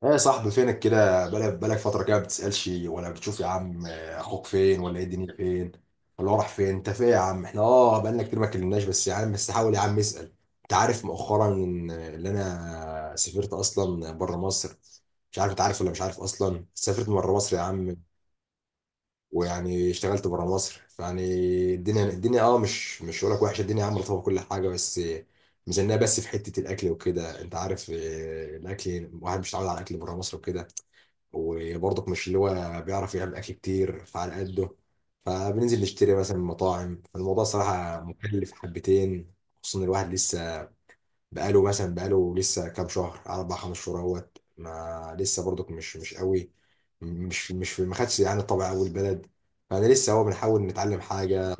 ايه يا صاحبي فينك كده بقالك فترة كده ما بتسألش ولا بتشوف يا عم، اخوك فين ولا ايه الدنيا فين ولا هو راح فين؟ انت فين يا عم؟ احنا بقالنا كتير ما اتكلمناش. بس يا عم، بس حاول يا عم اسأل. انت عارف مؤخرا ان اللي انا سافرت اصلا بره مصر؟ مش عارف انت عارف ولا مش عارف. اصلا سافرت بره مصر يا عم، ويعني اشتغلت بره مصر، فيعني الدنيا مش هقول لك وحشة. الدنيا يا عم رطبة، كل حاجة، بس ميزانية بس في حتة الأكل وكده. أنت عارف، الأكل، الواحد مش متعود على الأكل بره مصر وكده. وبرضك مش اللي هو بيعرف يعمل اكل كتير، فعلى قده، فبننزل نشتري مثلا من مطاعم، فالموضوع صراحة مكلف حبتين. خصوصا إن الواحد لسه بقاله لسه كام شهر، اربع خمس شهور اهوت، ما لسه برضك مش قوي، مش مش ما خدش يعني طبع اول بلد. فانا لسه هو بنحاول نتعلم حاجة،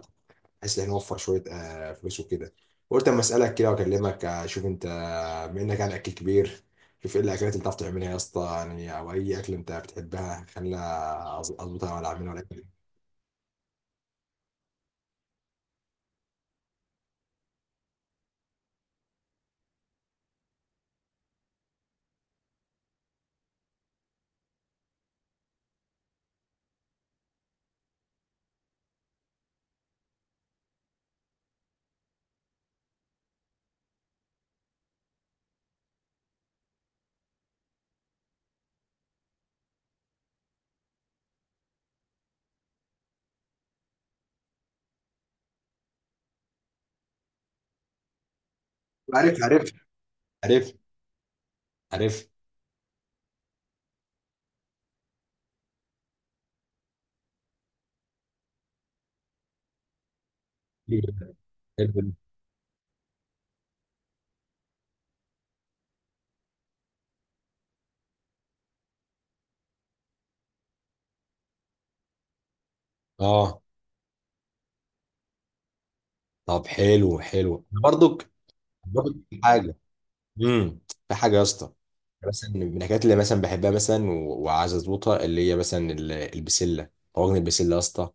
بحيث ان احنا نوفر شويه فلوس وكده. قلت اما اسالك كده واكلمك، اشوف انت، بما انك يعني اكل كبير، شوف ايه الاكلات اللي بتعرف تعملها يا اسطى يعني، او اي اكل انت بتحبها، خلينا اظبطها، ولا اعملها، ولا اكل. عارف. عارف. عارف. عارف. حلو ده، حلو ده. اه طب حلو، حلو. برضك، برضك حاجه امم في حاجه يا اسطى، مثلا من الحاجات اللي مثلا بحبها مثلا وعايز اظبطها، اللي هي مثلا البسله، طاجن البسله يا اسطى.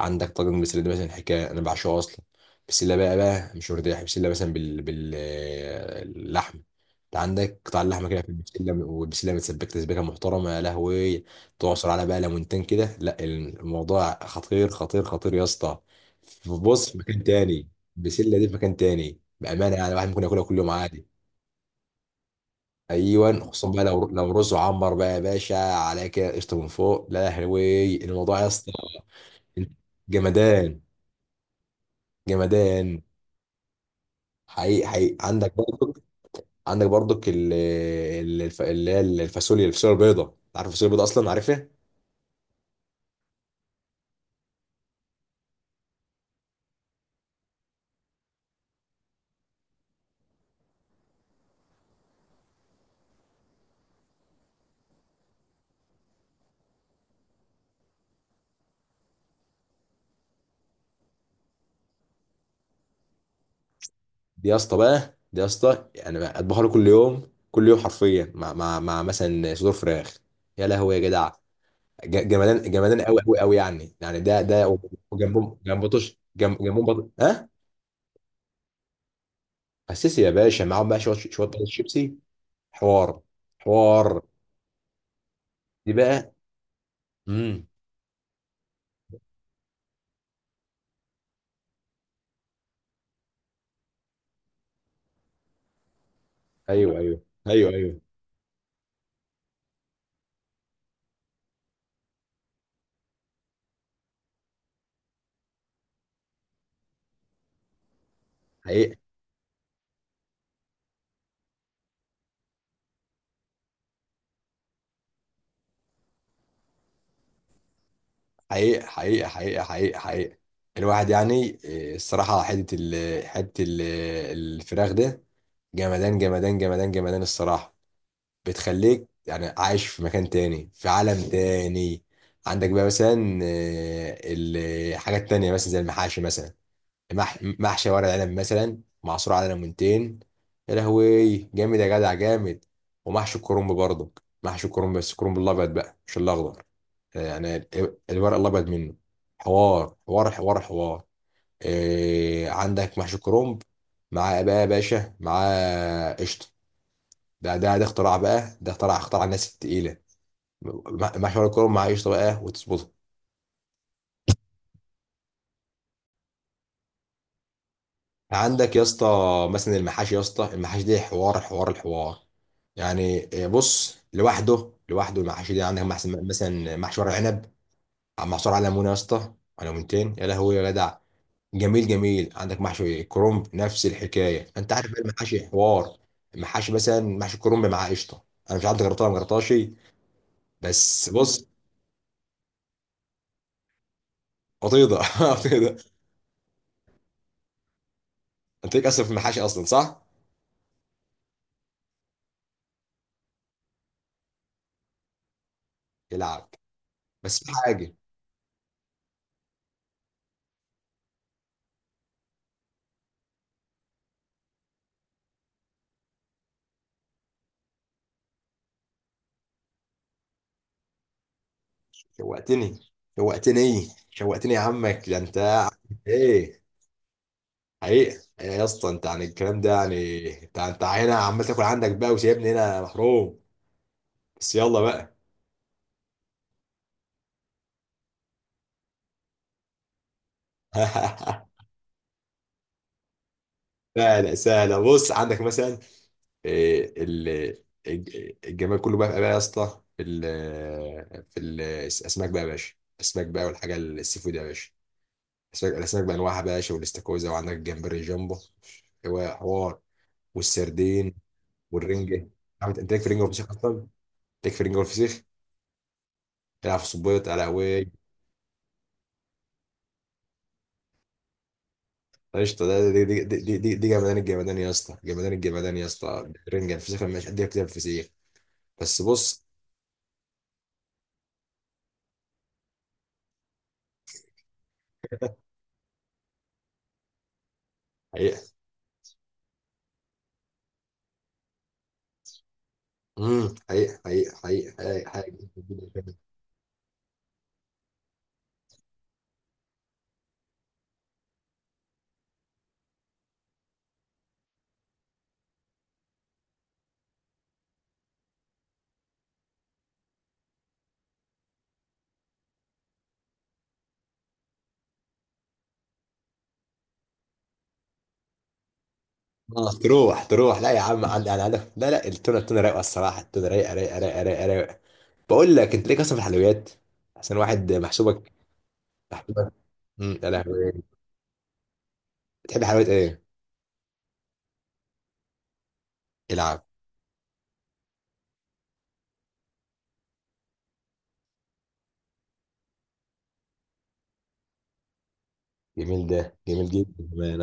عندك طاجن البسله ده مثلا حكايه، انا بعشقه اصلا. بسله بقى مش ورديه، بسله مثلا باللحم. انت عندك قطع اللحمه كده في البسله، والبسله متسبكه تسبيكه محترمه يا لهوي. تعصر على بقى ليمونتين كده، لا الموضوع خطير، خطير، خطير يا اسطى. بص، في مكان تاني. البسله دي في مكان تاني بامانه، يعني الواحد ممكن ياكلها كل يوم عادي. ايوه، خصوصا بقى لو رز وعمر بقى يا باشا على كده قشطه من فوق، لا يا حلوي، الموضوع يا اسطى جمدان جمدان. حقيقي حقيقي. عندك برضك، اللي هي الفاصوليا، الفاصوليا البيضاء، انت عارف الفاصوليا البيضاء اصلا، عارفها؟ دي يا اسطى بقى، دي يا اسطى يعني بقى اطبخها له كل يوم، كل يوم حرفيا، مع مثلا صدور فراخ، يا لهوي يا جدع. جمدان جمدان، قوي قوي قوي يعني ده. وجنبهم، جنب بطش، جنب بطش ها. اساسي يا باشا، معاهم بقى شويه، شويه بطاطس شيبسي. حوار حوار. دي بقى. امم ايوه، ايوه، ايوه، ايوه. حقيقه، حقيقه، حقيقه، حقيقه، حقيقه، حقيقه. الواحد يعني الصراحه، حته الفراخ ده، جمدان، جمدان، جمدان، جمدان الصراحه. بتخليك يعني عايش في مكان تاني، في عالم تاني. عندك بقى مثلا حاجات تانية مثلا زي المحاشي مثلا. محشي ورق عنب مثلا، معصور على ليمونتين، يا لهوي جامد يا جدع، جامد. ومحشي الكرنب برضك، محشي الكرنب، بس الكرنب الابيض بقى مش الاخضر. يعني الورق الابيض منه، حوار حوار حوار حوار. إيه، عندك محشي كرنب، مع بقى يا باشا، مع قشطه؟ ده، ده اختراع بقى، ده اختراع، اختراع الناس التقيله. محشي ورق الكرنب مع قشطه بقى، وتظبط. عندك يا اسطى مثلا المحاشي يا اسطى، المحاشي دي حوار حوار الحوار، يعني بص، لوحده لوحده. المحاشي دي عندك مثلا محشي ورق عنب محشور على ليمونه يا اسطى، على ليمونتين، يا لهوي يا جدع. جميل، جميل. عندك محشي كرنب، نفس الحكايه انت عارف بقى، المحاشي حوار. المحاشي مثلا محشي كرنب مع قشطه، انا مش عارف جربتها ولا ما جربتهاش. بس بص، قطيضه قطيضه. انت ليك اصلا في المحاشي اصلا صح؟ يلعب. بس في حاجه. شوقتني، شوقتني، شوقتني يا عمك، ده انت عامل ايه حقيقة؟ ايه يا اسطى انت، عن الكلام ده يعني، انت هنا عمال تاكل عندك بقى، وسايبني هنا محروم؟ بس يلا بقى. سهلة، سهلة. بص، عندك مثلا إيه، ال- الجمال كله بقى، يا اسطى، في في الاسماك بقى يا باشا، الاسماك بقى، والحاجه السي فود يا باشا. الاسماك، بانواعها بقى يا باشا، والاستاكوزا، وعندك الجمبري جامبو، هو حوار، والسردين، والرنجة. عملت انت، ليك في رنجة وفسيخ اصلا، ليك في رنجة والفسيخ. العب في صبيط على هواي. قشطة. ده، دي، دي جمدان الجمدان يا اسطى، جمدان الجمدان يا اسطى. الرنجة الفسيخ، لما مش قد كده الفسيخ، بس بص، حقيقة. حقيقة، حقيقة، حقيقة، حقيقة، حقيقة. اه تروح، تروح، لا يا عم، عندي انا عندك، لا، لا. التونة، رايقة الصراحة، التونة رايقة، رايقة، رايقة، رايقة، رايقة. بقول لك، انت ليك اصلا في الحلويات؟ عشان واحد محسوبك، محسوبك. يا لهوي، بتحب حلويات ايه؟ العب. جميل، ده جميل جدا كمان.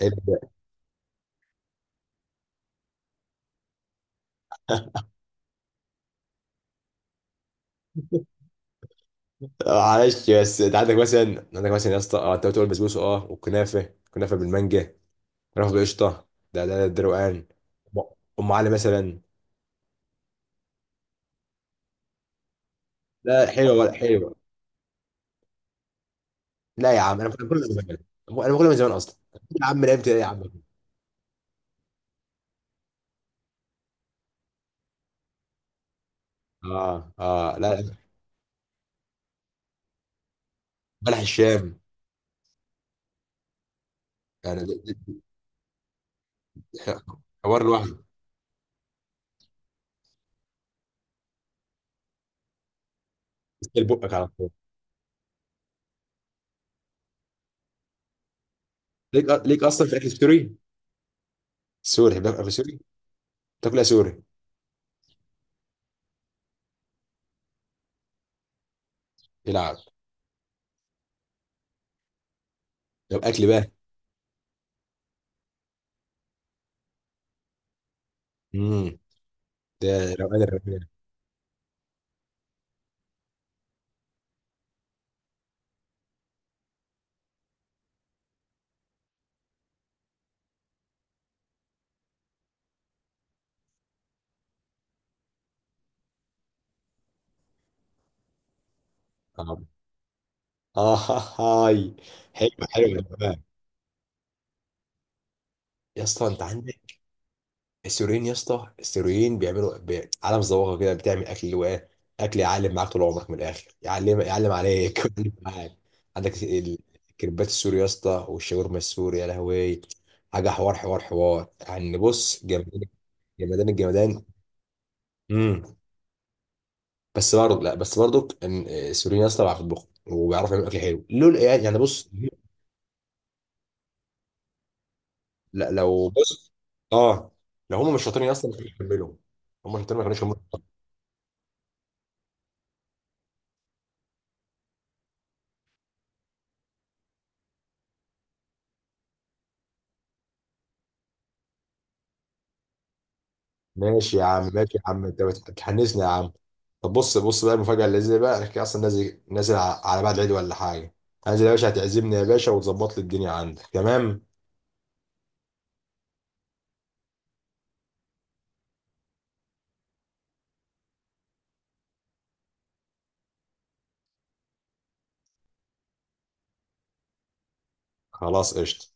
ال- معلش، بس انت عندك مثلا، يا اسطى، انت بتقول بسبوسه، والكنافه، كنافه بالمانجا، كنافه بالقشطه، ده، ده روقان. ام أم علي مثلا. لا، حلوه، ولا حلوه؟ لا يا عم انا باكلها من زمان، انا باكلها من زمان اصلا يا عم، لعبت ايه يا عم. اه، اه، لا، لا. بلح الشام. يعني ده حوار لوحده. تسال بقك على طول. ليك اصلا في اكل سوري، سوري بقى، اكل سوري؟ تاكلها سوري، يلعب. طب اكل بقى. امم ده روقان الروقان. آه. اه هاي، حلو، حلو تمام. يا اسطى انت عندك السوريين يا اسطى، السوريين بيعملوا عالم زواغه كده، بتعمل اكل اللي هو ايه، اكل يعلم معاك طول عمرك، من الاخر يعلم، عليك يعلم معاك. عندك الكريبات السوري يا اسطى، والشاورما السوري، يا لهوي. حاجه حوار حوار حوار، يعني بص، جمدان، جمدان الجمدان. امم بس برضه، لا بس برضه ان السوريين يا اسطى بيعرفوا يطبخوا، وبيعرفوا يعملوا اكل حلو لول يعني بص، لا لو بص اه لو هم مش شاطرين اصلا ما كانوش كملوا، هم شاطرين، ما كانوش كملوا. ماشي يا عم، ماشي يا عم، انت بتحنسني يا عم. طب بص، بص بقى، المفاجاه اللي زي بقى، انا كده اصلا نازل، نازل على بعد العيد ولا حاجه. انزل يا باشا، هتعزمني يا باشا، وتظبط لي الدنيا عندك تمام. خلاص، قشطه.